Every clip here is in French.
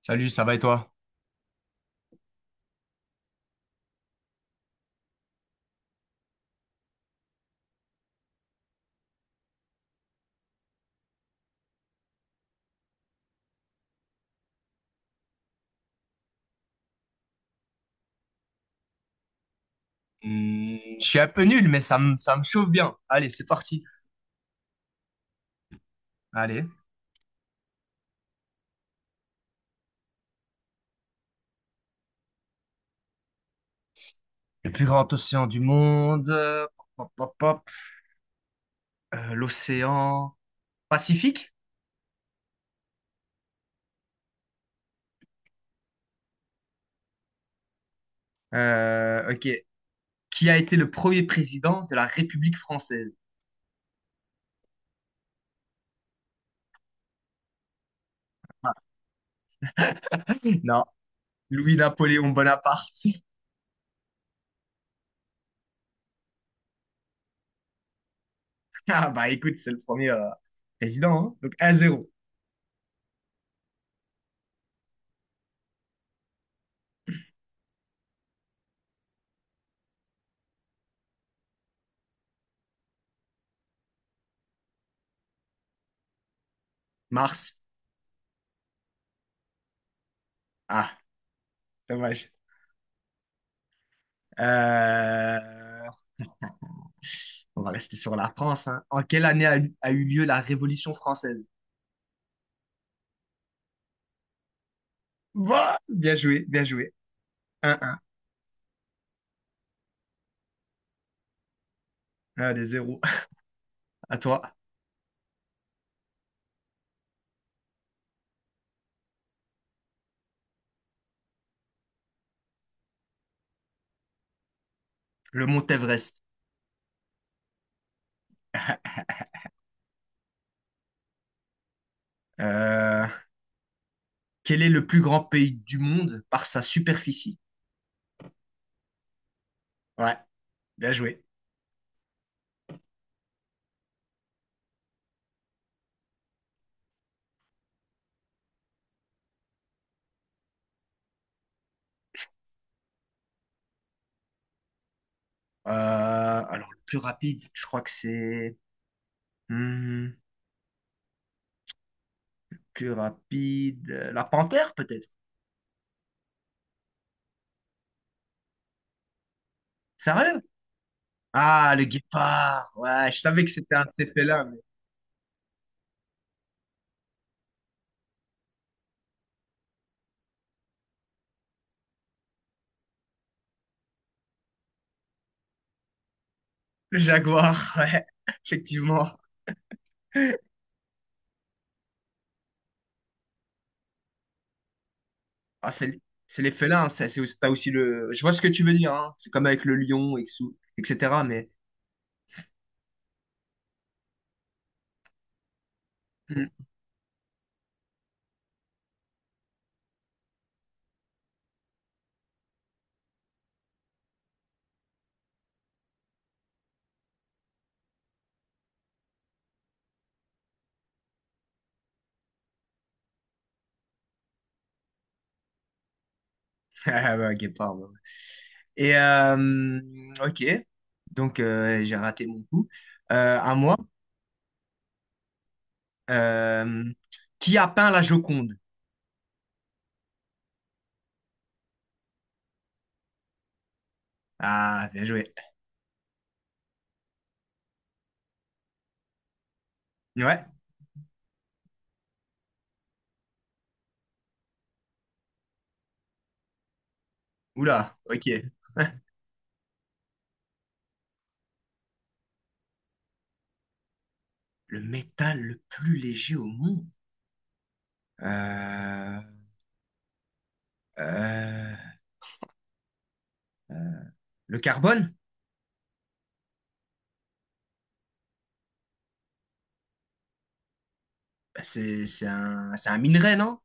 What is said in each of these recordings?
Salut, ça va et toi? Hmm, je suis un peu nul, mais ça me chauffe bien. Allez, c'est parti. Allez. Le plus grand océan du monde. Pop, pop, pop. L'océan Pacifique? Ok. Qui a été le premier président de la République française? Non, Louis-Napoléon Bonaparte. Ah bah écoute, c'est le premier président, hein. Donc 1-0. Mars. Ah, dommage. Euh, On va rester sur la France, hein. En quelle année a eu lieu la Révolution française? Bah, bien joué, bien joué. Un, 1. Allez, 0. À toi. Le mont Everest. Euh, quel est le plus grand pays du monde par sa superficie? Ouais, bien joué. Alors, le plus rapide, je crois que c'est... hmm, plus rapide... la panthère, peut-être? Sérieux? Ah, le guépard. Ouais, je savais que c'était un de ces félins, mais... Le jaguar, ouais, effectivement. Ah, c'est les félins, c'est aussi, t'as aussi le. Je vois ce que tu veux dire, hein. C'est comme avec le lion, et que etc. Mais. Hmm. Ah, bah, guépard, ouais. Et, ok. Donc, j'ai raté mon coup. À moi. Euh, qui a peint la Joconde? Ah, bien joué. Ouais. Oula, ok. Le métal le plus léger au monde. Euh, euh, euh, le carbone? Bah, c'est un minerai, non?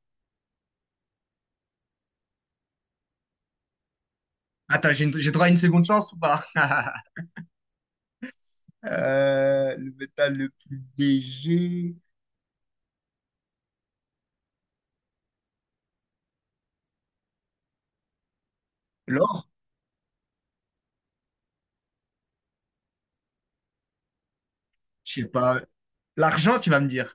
Attends, j'ai droit à une seconde chance ou pas? Le métal le plus léger. L'or? Je sais pas. L'argent, tu vas me dire.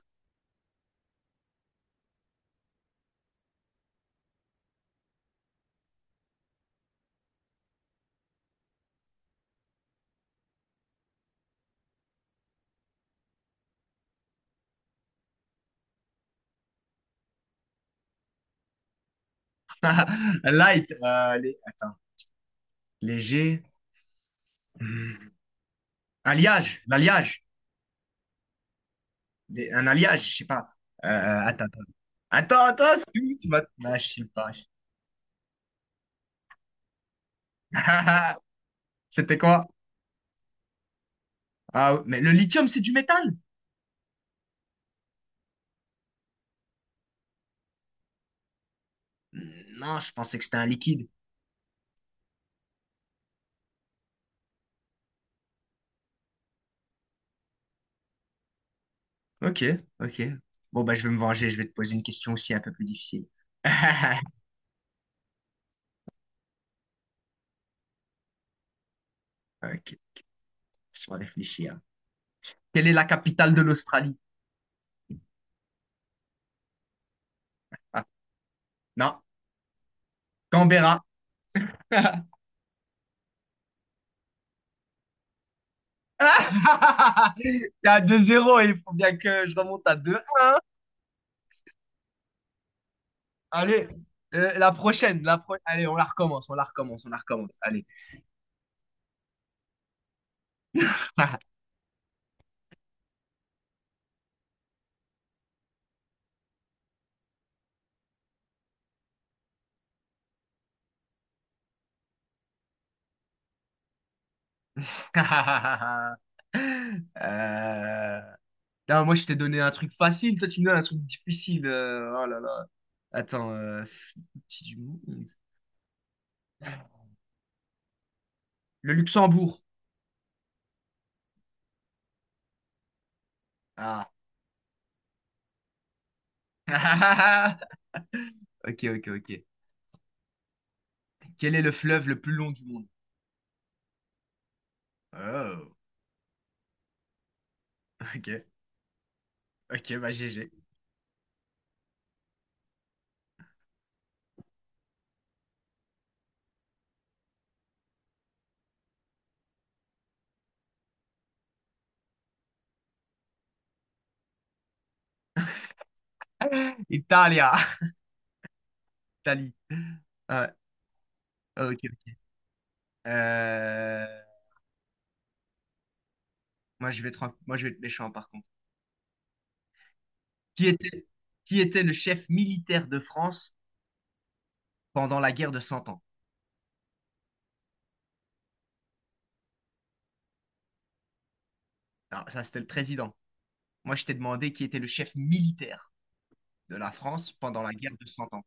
Light. Attends. Léger. Hmm. Alliage. L'alliage. Un alliage, je sais pas. Euh, attends, attends. Attends, c'est où tu vas... Ah, je sais pas. C'était quoi? Ah, mais le lithium, c'est du métal? Hmm, non, je pensais que c'était un liquide. Ok, ok. Bon, bah, je vais me venger. Je vais te poser une question aussi un peu plus difficile. Ok, laisse-moi réfléchir. Quelle est la capitale de l'Australie? Ah, non, Canberra. T'es à 2-0, il faut bien que je remonte à 2. Allez, la prochaine, la pro- Allez, on la recommence, on la recommence, on la recommence. Allez. Euh, non, moi, je t'ai donné un truc facile, toi, tu me donnes un truc difficile. Oh là là. Attends, petit du monde. Le Luxembourg. Ah. Ok, ok, ok. Quel est le fleuve le plus long du monde? Oh. Ok, ok, bah GG. Italia, Italie. Ah ouais, ah, ok. Ok. Euh, moi, je vais être méchant, par contre. Qui était, qui était le chef militaire de France pendant la guerre de Cent Ans? Alors, ça, c'était le président. Moi, je t'ai demandé qui était le chef militaire de la France pendant la guerre de Cent Ans.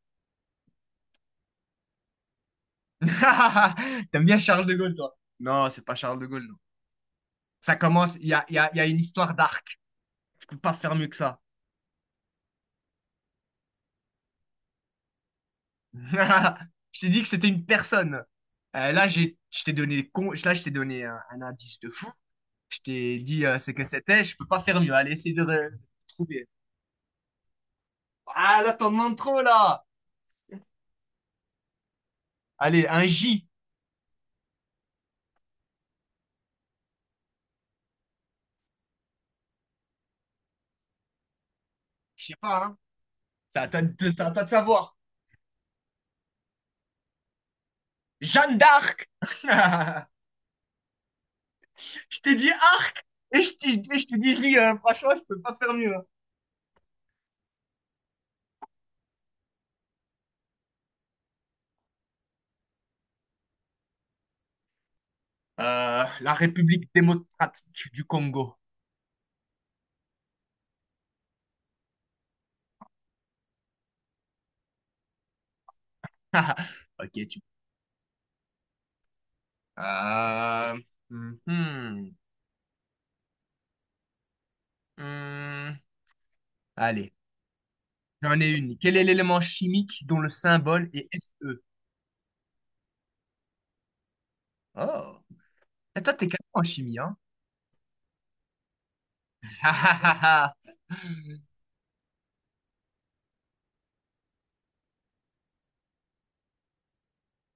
T'aimes bien Charles de Gaulle, toi? Non, c'est pas Charles de Gaulle, non. Ça commence, il y a une histoire d'arc. Tu peux pas faire mieux que ça. Je t'ai dit que c'était une personne. Je t'ai donné, je t'ai donné un indice de fou. Je t'ai dit ce que c'était. Je peux pas faire mieux. Allez, essaye de trouver. Ah, là, t'en demandes trop, là. Allez, un J. Je sais pas, hein. C'est à toi de savoir. Jeanne d'Arc. Je t'ai dit arc. Et je t'ai et je t'ai dit J, hein. Franchement, je peux pas faire mieux, hein. La République démocratique du Congo. Ok, tu. Euh, mhm. Hum, allez, j'en ai une. Quel est l'élément chimique dont le symbole est Fe? Oh, ah, toi, t'es calé en chimie, hein?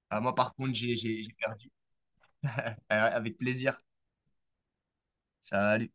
Ah, moi, par contre, j'ai perdu. Avec plaisir. Salut.